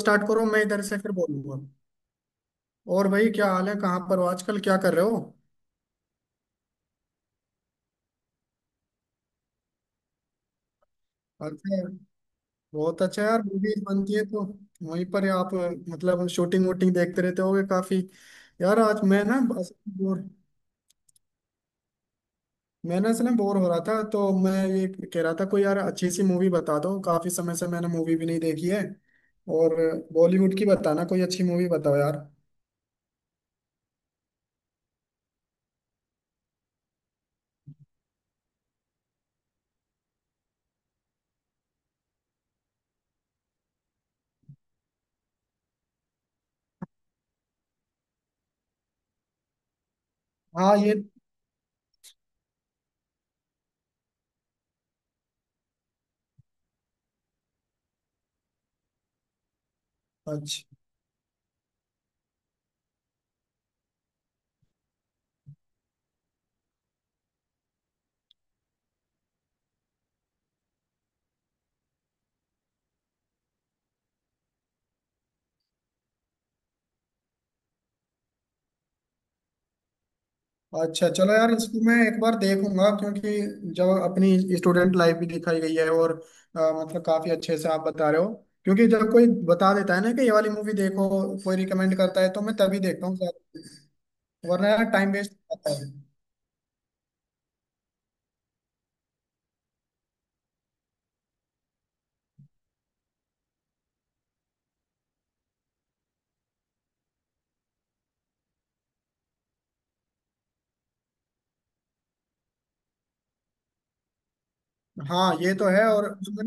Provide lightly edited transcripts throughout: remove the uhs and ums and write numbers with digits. Start करो। मैं इधर से फिर बोलूंगा। और भाई, क्या हाल है? कहाँ पर हो? आजकल क्या कर रहे हो? अच्छा। बहुत अच्छा यार, मूवीज बनती है तो वहीं पर ही आप मतलब शूटिंग वूटिंग देखते रहते होगे काफी। यार आज मैं ना बस बोर। मैं ना असल में बोर हो रहा था तो मैं ये कह रहा था, कोई यार अच्छी सी मूवी बता दो, काफी समय से मैंने मूवी भी नहीं देखी है। और बॉलीवुड की बताना, कोई अच्छी मूवी बताओ यार। हाँ, ये। अच्छा। अच्छा, चलो यार, इसको मैं एक बार देखूंगा क्योंकि जब अपनी स्टूडेंट लाइफ भी दिखाई गई है, और मतलब काफी अच्छे से आप बता रहे हो क्योंकि जब कोई बता देता है ना कि ये वाली मूवी देखो, कोई रिकमेंड करता है तो मैं तभी देखता हूँ। वरना यार टाइम वेस्ट होता है। हाँ, ये तो है। और उसमें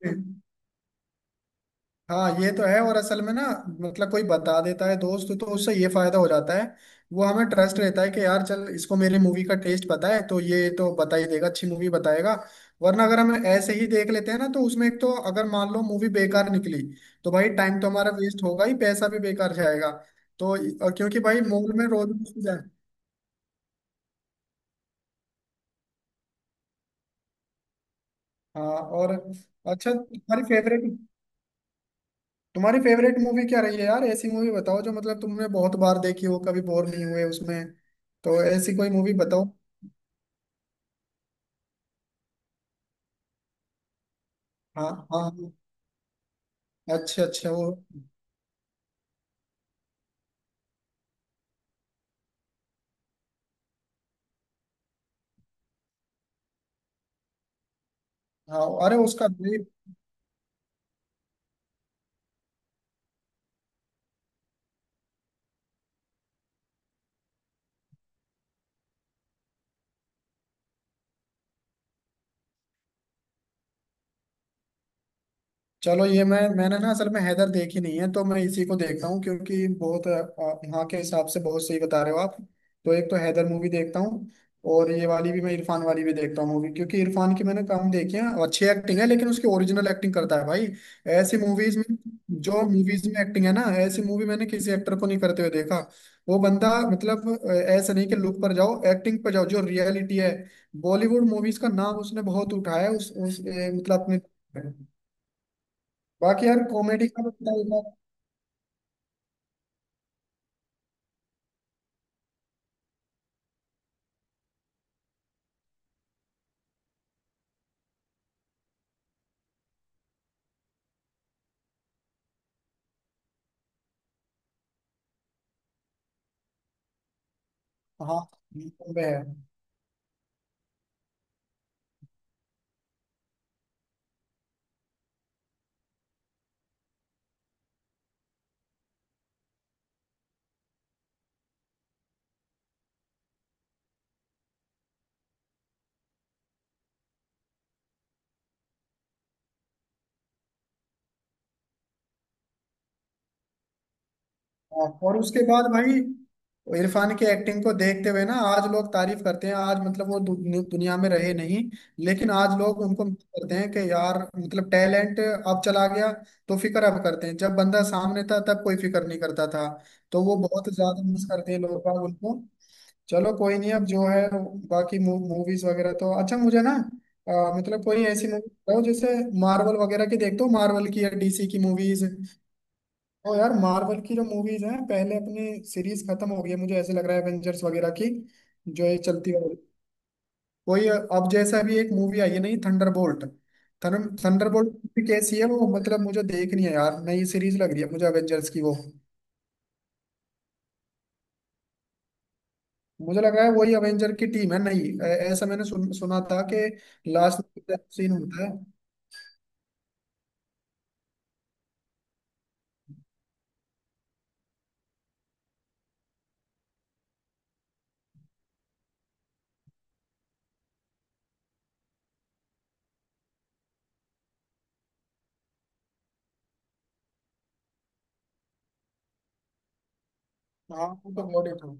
ना। हाँ, ये तो है। और असल में ना, मतलब कोई बता देता है दोस्त, तो उससे ये फायदा हो जाता है। वो हमें ट्रस्ट रहता है कि यार, चल इसको मेरी मूवी का टेस्ट पता है तो ये तो बता ही देगा, अच्छी मूवी बताएगा। वरना अगर हम ऐसे ही देख लेते हैं ना, तो उसमें एक तो अगर मान लो मूवी बेकार निकली, तो भाई टाइम तो हमारा वेस्ट होगा ही, पैसा भी बेकार जाएगा। तो और क्योंकि भाई मूवी में रोज। हाँ, और। अच्छा, तुम्हारी फेवरेट मूवी क्या रही है यार? ऐसी मूवी बताओ जो मतलब तुमने बहुत बार देखी हो, कभी बोर नहीं हुए उसमें। तो ऐसी कोई मूवी बताओ। हाँ, हाँ, हाँ। अच्छा, अच्छा, वो। हाँ, अरे उसका। चलो, ये मैंने ना असल में हैदर देखी नहीं है, तो मैं इसी को देखता हूँ क्योंकि बहुत यहाँ के हिसाब से बहुत सही बता रहे हो आप। तो एक तो हैदर मूवी देखता हूँ, और ये वाली भी मैं, इरफान वाली भी देखता हूँ मूवी, क्योंकि इरफान की मैंने कम देखी है, अच्छी एक्टिंग है लेकिन उसकी ओरिजिनल एक्टिंग करता है भाई। ऐसी मूवीज में, जो मूवीज में एक्टिंग है ना, ऐसी मूवी मैंने किसी एक्टर को नहीं करते हुए देखा। वो बंदा मतलब ऐसा नहीं कि लुक पर जाओ, एक्टिंग पर जाओ जो रियलिटी है। बॉलीवुड मूवीज का नाम उसने बहुत उठाया है, मतलब अपने। बाकी यार कॉमेडी का तो पता ही है। हाँ। यूट्यूब पे है। हाँ, और उसके बाद भाई इरफान की एक्टिंग को देखते हुए ना आज लोग तारीफ करते हैं। आज मतलब वो दुनिया में रहे नहीं, लेकिन आज लोग उनको मिस करते हैं कि यार मतलब टैलेंट अब चला गया। तो फिक्र अब करते हैं, जब बंदा सामने था तब कोई फिक्र नहीं करता था। तो वो बहुत ज्यादा मिस करते हैं लोग बाग उनको। चलो कोई नहीं, अब जो है, बाकी मूवीज वगैरह तो, अच्छा मुझे ना मतलब कोई ऐसी मूवी बताओ, जैसे मार्वल वगैरह की देखते हो? मार्वल की या डीसी की मूवीज? तो यार मार्वल की जो मूवीज हैं, पहले अपनी सीरीज खत्म हो गई है मुझे ऐसे लग रहा है, एवेंजर्स वगैरह की। जो ये चलती है कोई, अब जैसा भी एक मूवी आई है नहीं, थंडरबोल्ट। थंडरबोल्ट कैसी है वो, मतलब मुझे देखनी है यार, नई सीरीज लग रही है मुझे एवेंजर्स की वो। मुझे लगा है वही अवेंजर की टीम है, नहीं? ऐसा मैंने सुना था कि लास्ट में सीन होता है। हाँ, वो तो गॉड ही था।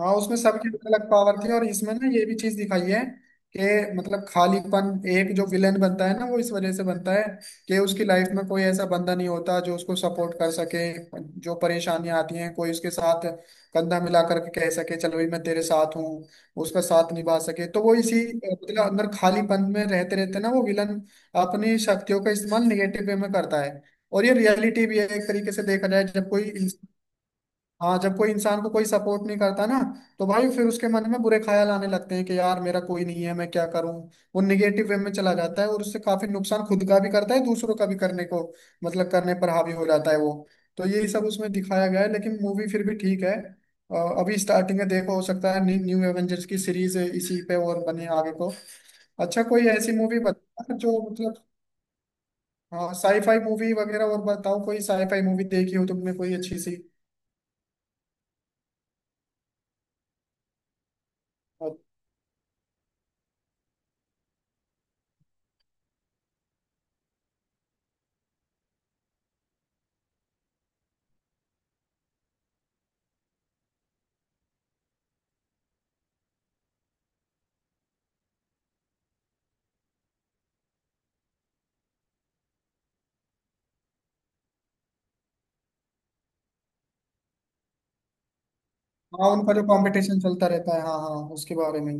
हाँ, उसमें सबकी अलग अलग पावर थी, और इसमें ना ये भी चीज दिखाई है कि मतलब खालीपन, एक जो विलेन बनता है ना वो इस वजह से बनता है कि उसकी लाइफ में कोई ऐसा बंदा नहीं होता जो उसको सपोर्ट कर सके, जो परेशानियां आती हैं कोई उसके साथ कंधा मिला करके कह सके चलो भाई मैं तेरे साथ हूँ, उसका साथ निभा सके। तो वो इसी मतलब अंदर खालीपन में रहते रहते ना, वो विलन अपनी शक्तियों का इस्तेमाल निगेटिव वे में करता है। और ये रियलिटी भी है, एक तरीके से देखा जाए जब कोई। हाँ, जब कोई इंसान को कोई सपोर्ट नहीं करता ना, तो भाई फिर उसके मन में बुरे ख्याल आने लगते हैं कि यार मेरा कोई नहीं है, मैं क्या करूं। वो निगेटिव वे में चला जाता है, और उससे काफी नुकसान खुद का भी करता है, दूसरों का भी करने को मतलब करने पर हावी हो जाता है वो। तो यही सब उसमें दिखाया गया है, लेकिन मूवी फिर भी ठीक है। अ, अभी स्टार्टिंग है, देखो हो सकता है न्यू न्यू एवेंजर्स की सीरीज इसी पे और बने आगे को। अच्छा, कोई ऐसी मूवी बता जो मतलब। हाँ, साईफाई मूवी वगैरह और बताओ, कोई साईफाई मूवी देखी हो तुमने कोई अच्छी सी? हाँ, उनका जो कंपटीशन चलता रहता है, हाँ हाँ उसके बारे में।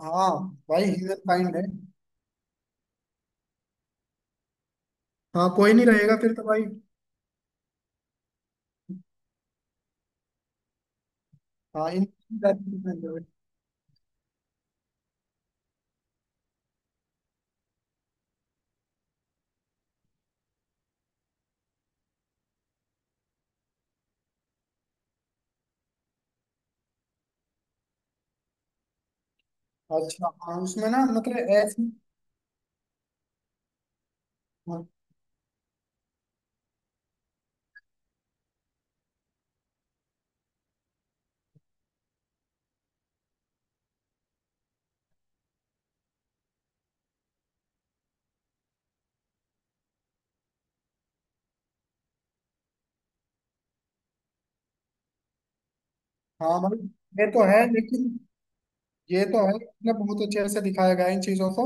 हाँ भाई, ह्यूमन काइंड है। हाँ, कोई नहीं रहेगा फिर तो भाई। हाँ, इन। अच्छा, हाँ उसमें ना मतलब ऐसी। हाँ। हाँ भाई, ये तो है लेकिन। ये तो है, मतलब बहुत अच्छे से दिखाया गया है इन चीजों को।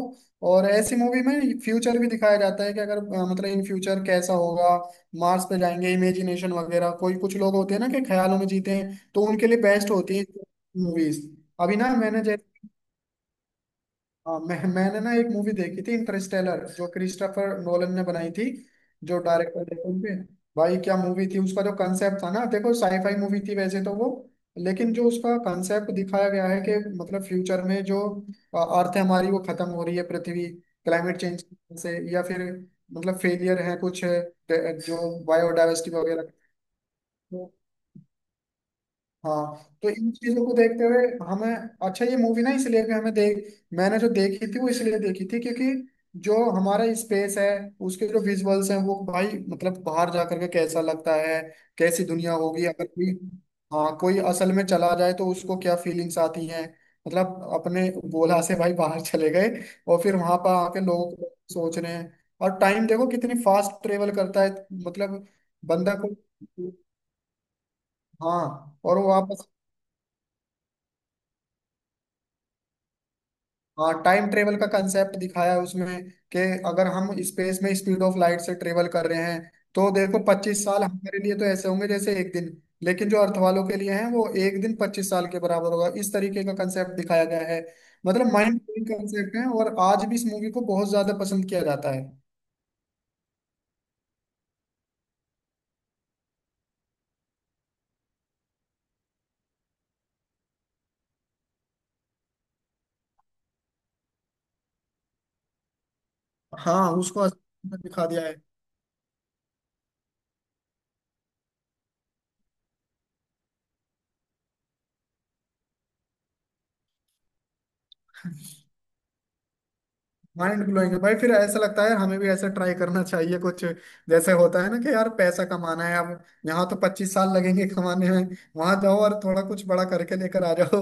और ऐसी मूवी में फ्यूचर भी दिखाया जाता है कि अगर मतलब इन फ्यूचर कैसा होगा, मार्स पे जाएंगे इमेजिनेशन वगैरह, कोई कुछ लोग होते हैं ना कि ख्यालों में जीते हैं, तो उनके लिए बेस्ट होती है मूवीज। अभी ना मैंने। हाँ, मैंने ना एक मूवी देखी थी इंटरस्टेलर, जो क्रिस्टोफर नोलन ने बनाई थी, जो डायरेक्टर थे उनके। भाई क्या मूवी थी! उसका जो कंसेप्ट था ना, देखो साईफाई मूवी थी वैसे तो वो, लेकिन जो उसका कंसेप्ट दिखाया गया है कि मतलब फ्यूचर में जो अर्थ हमारी वो खत्म हो रही है पृथ्वी, क्लाइमेट चेंज से, या फिर मतलब फेलियर है कुछ जो बायोडाइवर्सिटी वगैरह। तो। हाँ। तो इन चीजों को देखते हुए हमें, अच्छा ये मूवी ना इसलिए भी हमें देख, मैंने जो देखी थी वो इसलिए देखी थी क्योंकि जो हमारा स्पेस है, उसके जो विजुअल्स हैं वो भाई, मतलब बाहर जा करके कैसा लगता है, कैसी दुनिया होगी अगर कोई। हाँ, कोई असल में चला जाए तो उसको क्या फीलिंग्स आती हैं, मतलब अपने गोला से भाई बाहर चले गए और फिर वहां पर आके लोग सोच रहे हैं, और टाइम देखो कितनी फास्ट ट्रेवल करता है, मतलब बंदा को। हाँ, और वो वापस। हाँ, टाइम ट्रेवल का कंसेप्ट दिखाया है उसमें कि अगर हम स्पेस में स्पीड ऑफ लाइट से ट्रेवल कर रहे हैं, तो देखो 25 साल हमारे लिए तो ऐसे होंगे जैसे एक दिन, लेकिन जो अर्थ वालों के लिए हैं वो एक दिन 25 साल के बराबर होगा, इस तरीके का कंसेप्ट दिखाया गया है। मतलब माइंड ब्लोइंग कंसेप्ट है, और आज भी इस मूवी को बहुत ज्यादा पसंद किया जाता है। हाँ, उसको दिखा दिया है। माइंड ब्लोइंग है भाई, फिर ऐसा लगता है यार हमें भी ऐसा ट्राई करना चाहिए कुछ, जैसे होता है ना कि यार पैसा कमाना है अब, यहाँ तो 25 साल लगेंगे कमाने में, वहां जाओ और थोड़ा कुछ बड़ा करके लेकर आ जाओ।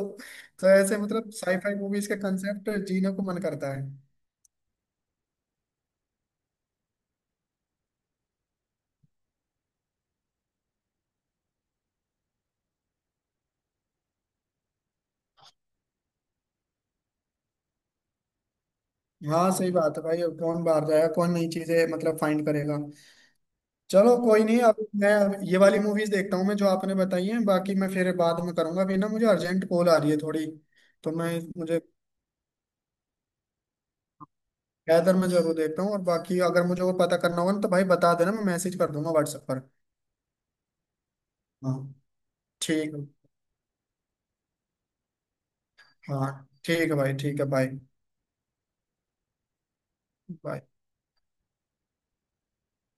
तो ऐसे मतलब साईफाई मूवीज के कंसेप्ट जीने को मन करता है। हाँ सही बात है भाई, अब कौन बाहर जाएगा? कौन नई चीजें मतलब फाइंड करेगा? चलो कोई नहीं, अब मैं ये वाली मूवीज देखता हूँ मैं, जो आपने बताई है, बाकी मैं फिर बाद में करूंगा, अभी ना मुझे अर्जेंट कॉल आ रही है थोड़ी। तो मैं मुझे ज्यादातर मैं जरूर देखता हूँ, और बाकी अगर मुझे और पता करना होगा ना तो भाई बता देना, मैं मैसेज कर दूंगा व्हाट्सएप पर। हाँ ठीक है, हाँ ठीक है भाई, ठीक है बाय, बाय।